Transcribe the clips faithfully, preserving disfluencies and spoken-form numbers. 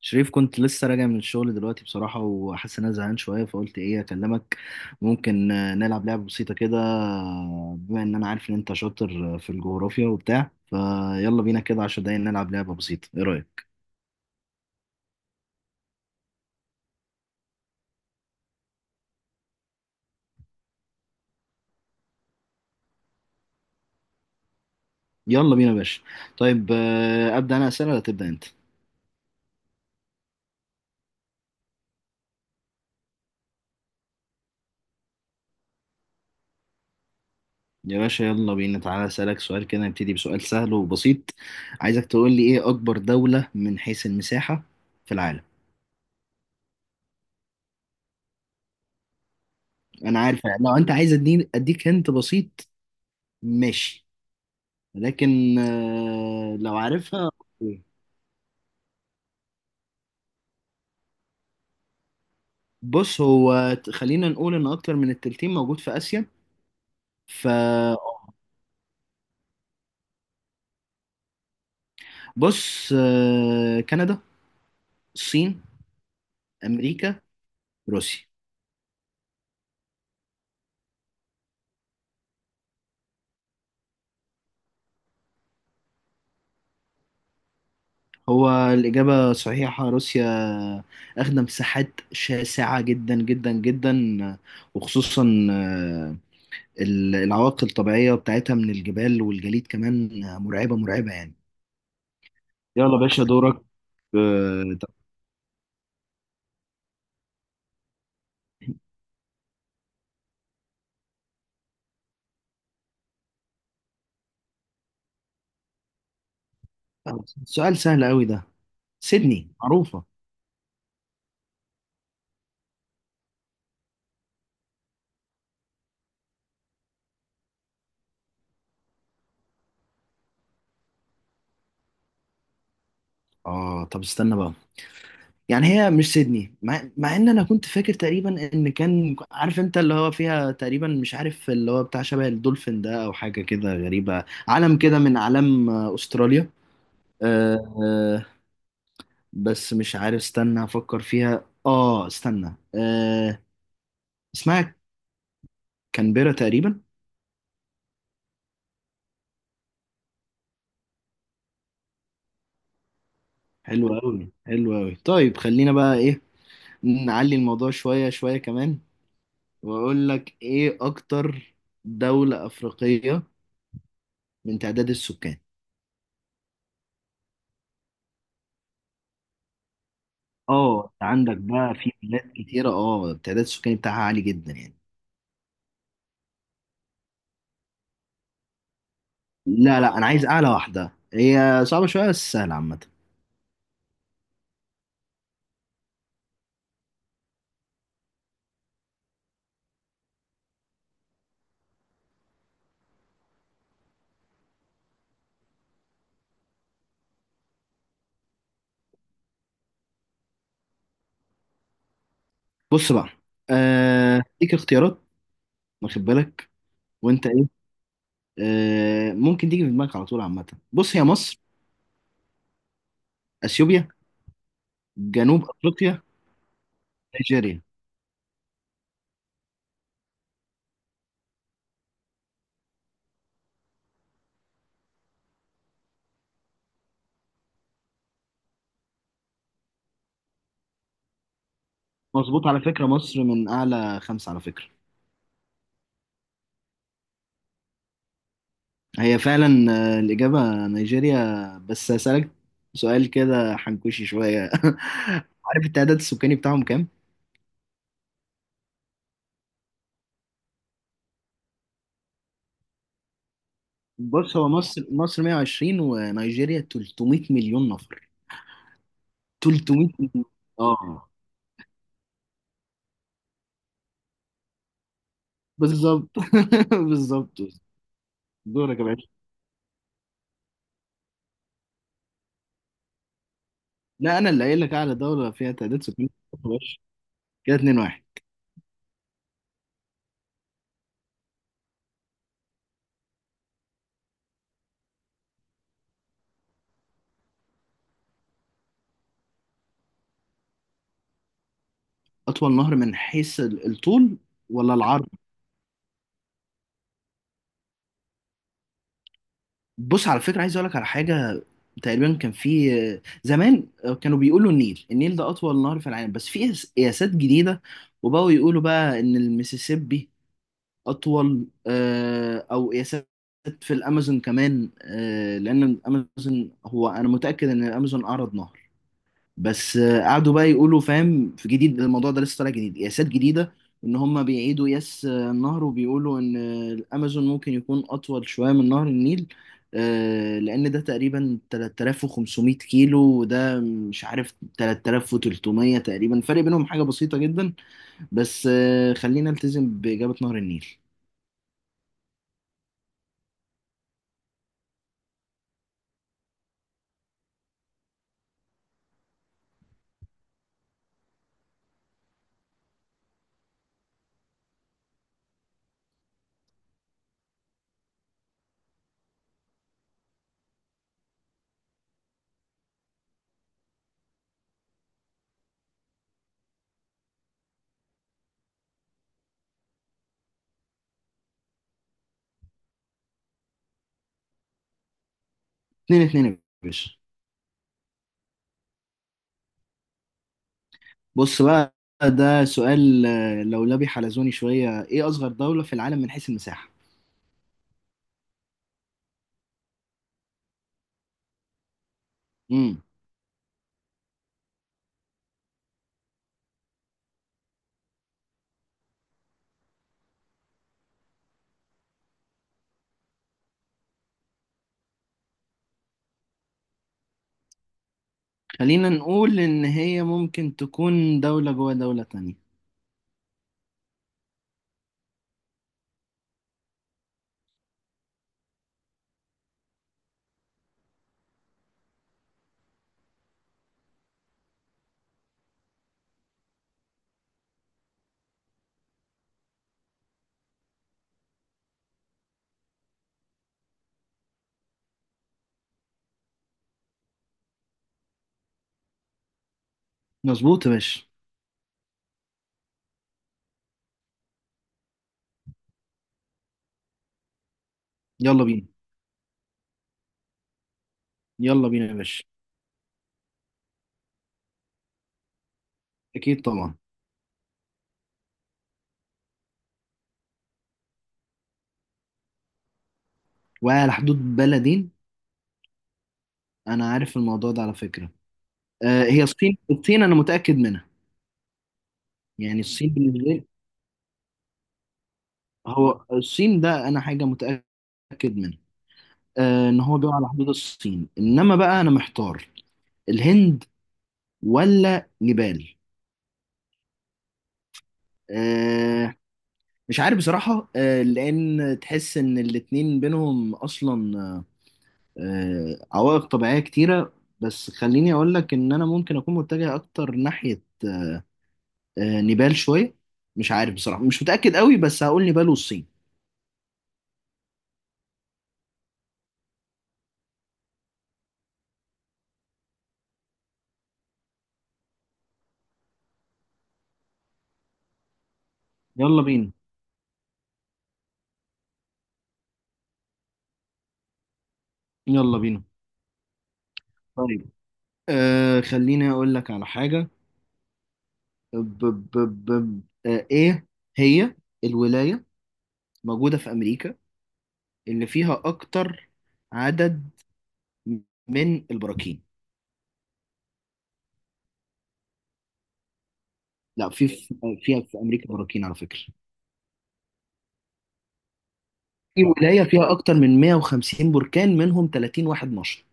شريف، كنت لسه راجع من الشغل دلوقتي بصراحة وحاسس إن أنا زهقان شوية. فقلت إيه أكلمك. ممكن آه، نلعب لعبة بسيطة كده، آه، بما إن أنا عارف إن أنت شاطر آه، في الجغرافيا وبتاع. فيلا بينا كده عشر دقايق نلعب لعبة بسيطة، إيه رأيك؟ يلا بينا يا باشا. طيب، آه، أبدأ أنا أسئلة ولا تبدأ أنت؟ يا باشا يلا بينا، تعالى أسألك سؤال كده، نبتدي بسؤال سهل وبسيط. عايزك تقول لي إيه أكبر دولة من حيث المساحة في العالم؟ أنا عارف لو أنت عايز أديني، أديك هنت بسيط. ماشي، لكن آه، لو عارفها أوكي. بص هو ت- خلينا نقول ان اكتر من التلتين موجود في اسيا، فبص. آه، كندا، الصين، امريكا، روسيا. هو الاجابه صحيحه، روسيا. اخدة مساحات شاسعه جدا جدا جدا، آه، وخصوصا آه، ال- العوائق الطبيعيه بتاعتها من الجبال والجليد كمان، آه، مرعبه مرعبه يعني. يلا باشا دورك. آه، طب- سؤال سهل قوي ده. سيدني معروفة. اه طب استنى بقى، يعني هي مش سيدني، مع, مع ان انا كنت فاكر تقريبا ان كان عارف، انت اللي هو فيها تقريبا، مش عارف اللي هو بتاع شبه الدولفين ده او حاجة كده غريبة، علم كده من اعلام آه، استراليا. آه آه بس مش عارف، استنى افكر فيها. اه استنى آه اسمها كانبيرا تقريبا. حلو قوي حلو قوي. طيب، خلينا بقى ايه، نعلي الموضوع شوية شوية كمان. واقول لك ايه اكتر دولة أفريقية من تعداد السكان. اه، عندك بقى في بلاد كتيرة، اه التعداد السكاني بتاعها عالي جدا يعني. لا لا، انا عايز اعلى واحدة، هي صعبة شوية بس سهلة عامة. بص بقى، آه ليك اختيارات، واخد بالك، وانت ايه، آه ممكن تيجي في دماغك على طول عامة. بص، هي مصر، اثيوبيا، جنوب افريقيا، نيجيريا. مظبوط، على فكرة مصر من اعلى خمسة على فكرة. هي فعلا آه، الإجابة نيجيريا، بس هسألك سؤال كده حنكوشي شوية. عارف التعداد السكاني بتاعهم كام؟ بص هو مصر مصر مية وعشرين، ونيجيريا تلت ميه مليون نفر. تلت ميه مليون. اه بالظبط. بالظبط. دورك يا باشا. لا، أنا اللي قايل لك أعلى دولة فيها تعداد سكاني يا باشا. كده اتنين واحد. أطول نهر من حيث ال- الطول ولا العرض؟ بص، على فكرة عايز اقول لك على حاجة. تقريبا كان في آه، زمان آه، كانوا بيقولوا النيل النيل ده اطول نهر في العالم، بس في قياس- قياسات جديدة. وبقوا يقولوا بقى ان المسيسيبي اطول، آه، او قياسات في الامازون كمان، آه، لان الامازون، هو انا متأكد ان الامازون اعرض نهر. بس آه، قعدوا بقى يقولوا فاهم في جديد، الموضوع ده لسه طالع جديد قياسات جديده. ان هم بيعيدوا قياس آه، النهر، وبيقولوا ان آه، الامازون ممكن يكون اطول شويه من نهر النيل، آه، لان ده تقريبا ثلاث آلاف وخمس مية كيلو، وده مش عارف تلتلاف وتلت ميه تقريبا، فرق بينهم حاجه بسيطه جدا. بس آه، خلينا نلتزم باجابه نهر النيل. اتنين اتنين يا باشا. بص بقى، ده سؤال آه، لولبي حلزوني شويه، ايه اصغر دوله في العالم من حيث المساحه؟ امم خلينا نقول إن هي ممكن تكون دولة جوه دولة تانية. مظبوط يا باشا. يلا بينا. يلا بينا يا باشا، أكيد طبعا. وعلى حدود بلدين. أنا عارف الموضوع ده على فكرة. آه هي الصين، الصين أنا متأكد منها. يعني الصين بالنسبة لي، هو الصين ده أنا حاجة متأكد منها. آه إن هو بيقع على حدود الصين، إنما بقى أنا محتار، الهند ولا نيبال؟ آه مش عارف بصراحة، آه لأن تحس إن الاتنين بينهم أصلا آه، عوائق طبيعية كتيرة. بس خليني أقول لك إن أنا ممكن أكون متجه أكتر ناحية آه، نيبال شوية. مش عارف بصراحة، مش متأكد قوي، بس هقول نيبال والصين. يلا بينا. يلا بينا. طيب، آه خليني أقول لك على حاجة. ب ب ب آه إيه هي الولاية موجودة في أمريكا اللي فيها أكتر عدد من البراكين؟ لا، في في- فيها في أمريكا براكين على فكرة. في ولاية فيها أكتر من مية وخمسين بركان، منهم ثلاثين واحد نشط.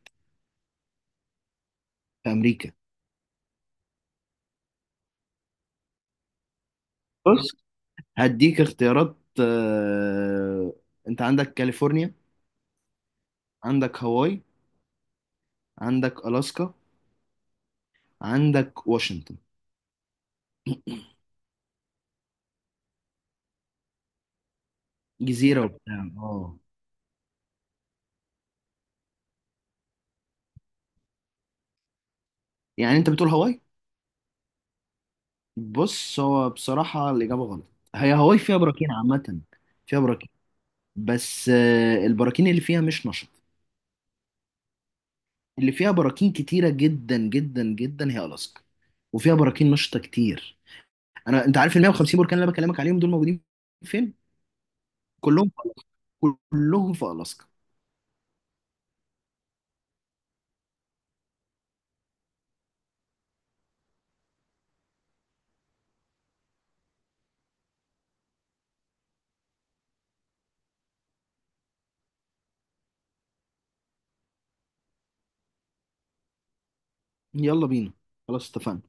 في امريكا. بص، هديك اختيارات، آه، انت عندك كاليفورنيا، عندك هاواي، عندك الاسكا، عندك واشنطن. جزيرة وبتاع، اه يعني انت بتقول هاواي. بص، هو بصراحة الإجابة غلط. هي هاواي فيها براكين عامة. فيها براكين، بس آه، البراكين اللي فيها مش نشط. اللي فيها براكين كتيرة جدا جدا جدا هي ألاسكا، وفيها براكين نشطة كتير. انا انت عارف ال مية وخمسين بركان اللي انا بكلمك عليهم دول موجودين فين؟ كلهم في ألاسكا. كلهم في ألاسكا. يلا بينا. خلاص اتفقنا.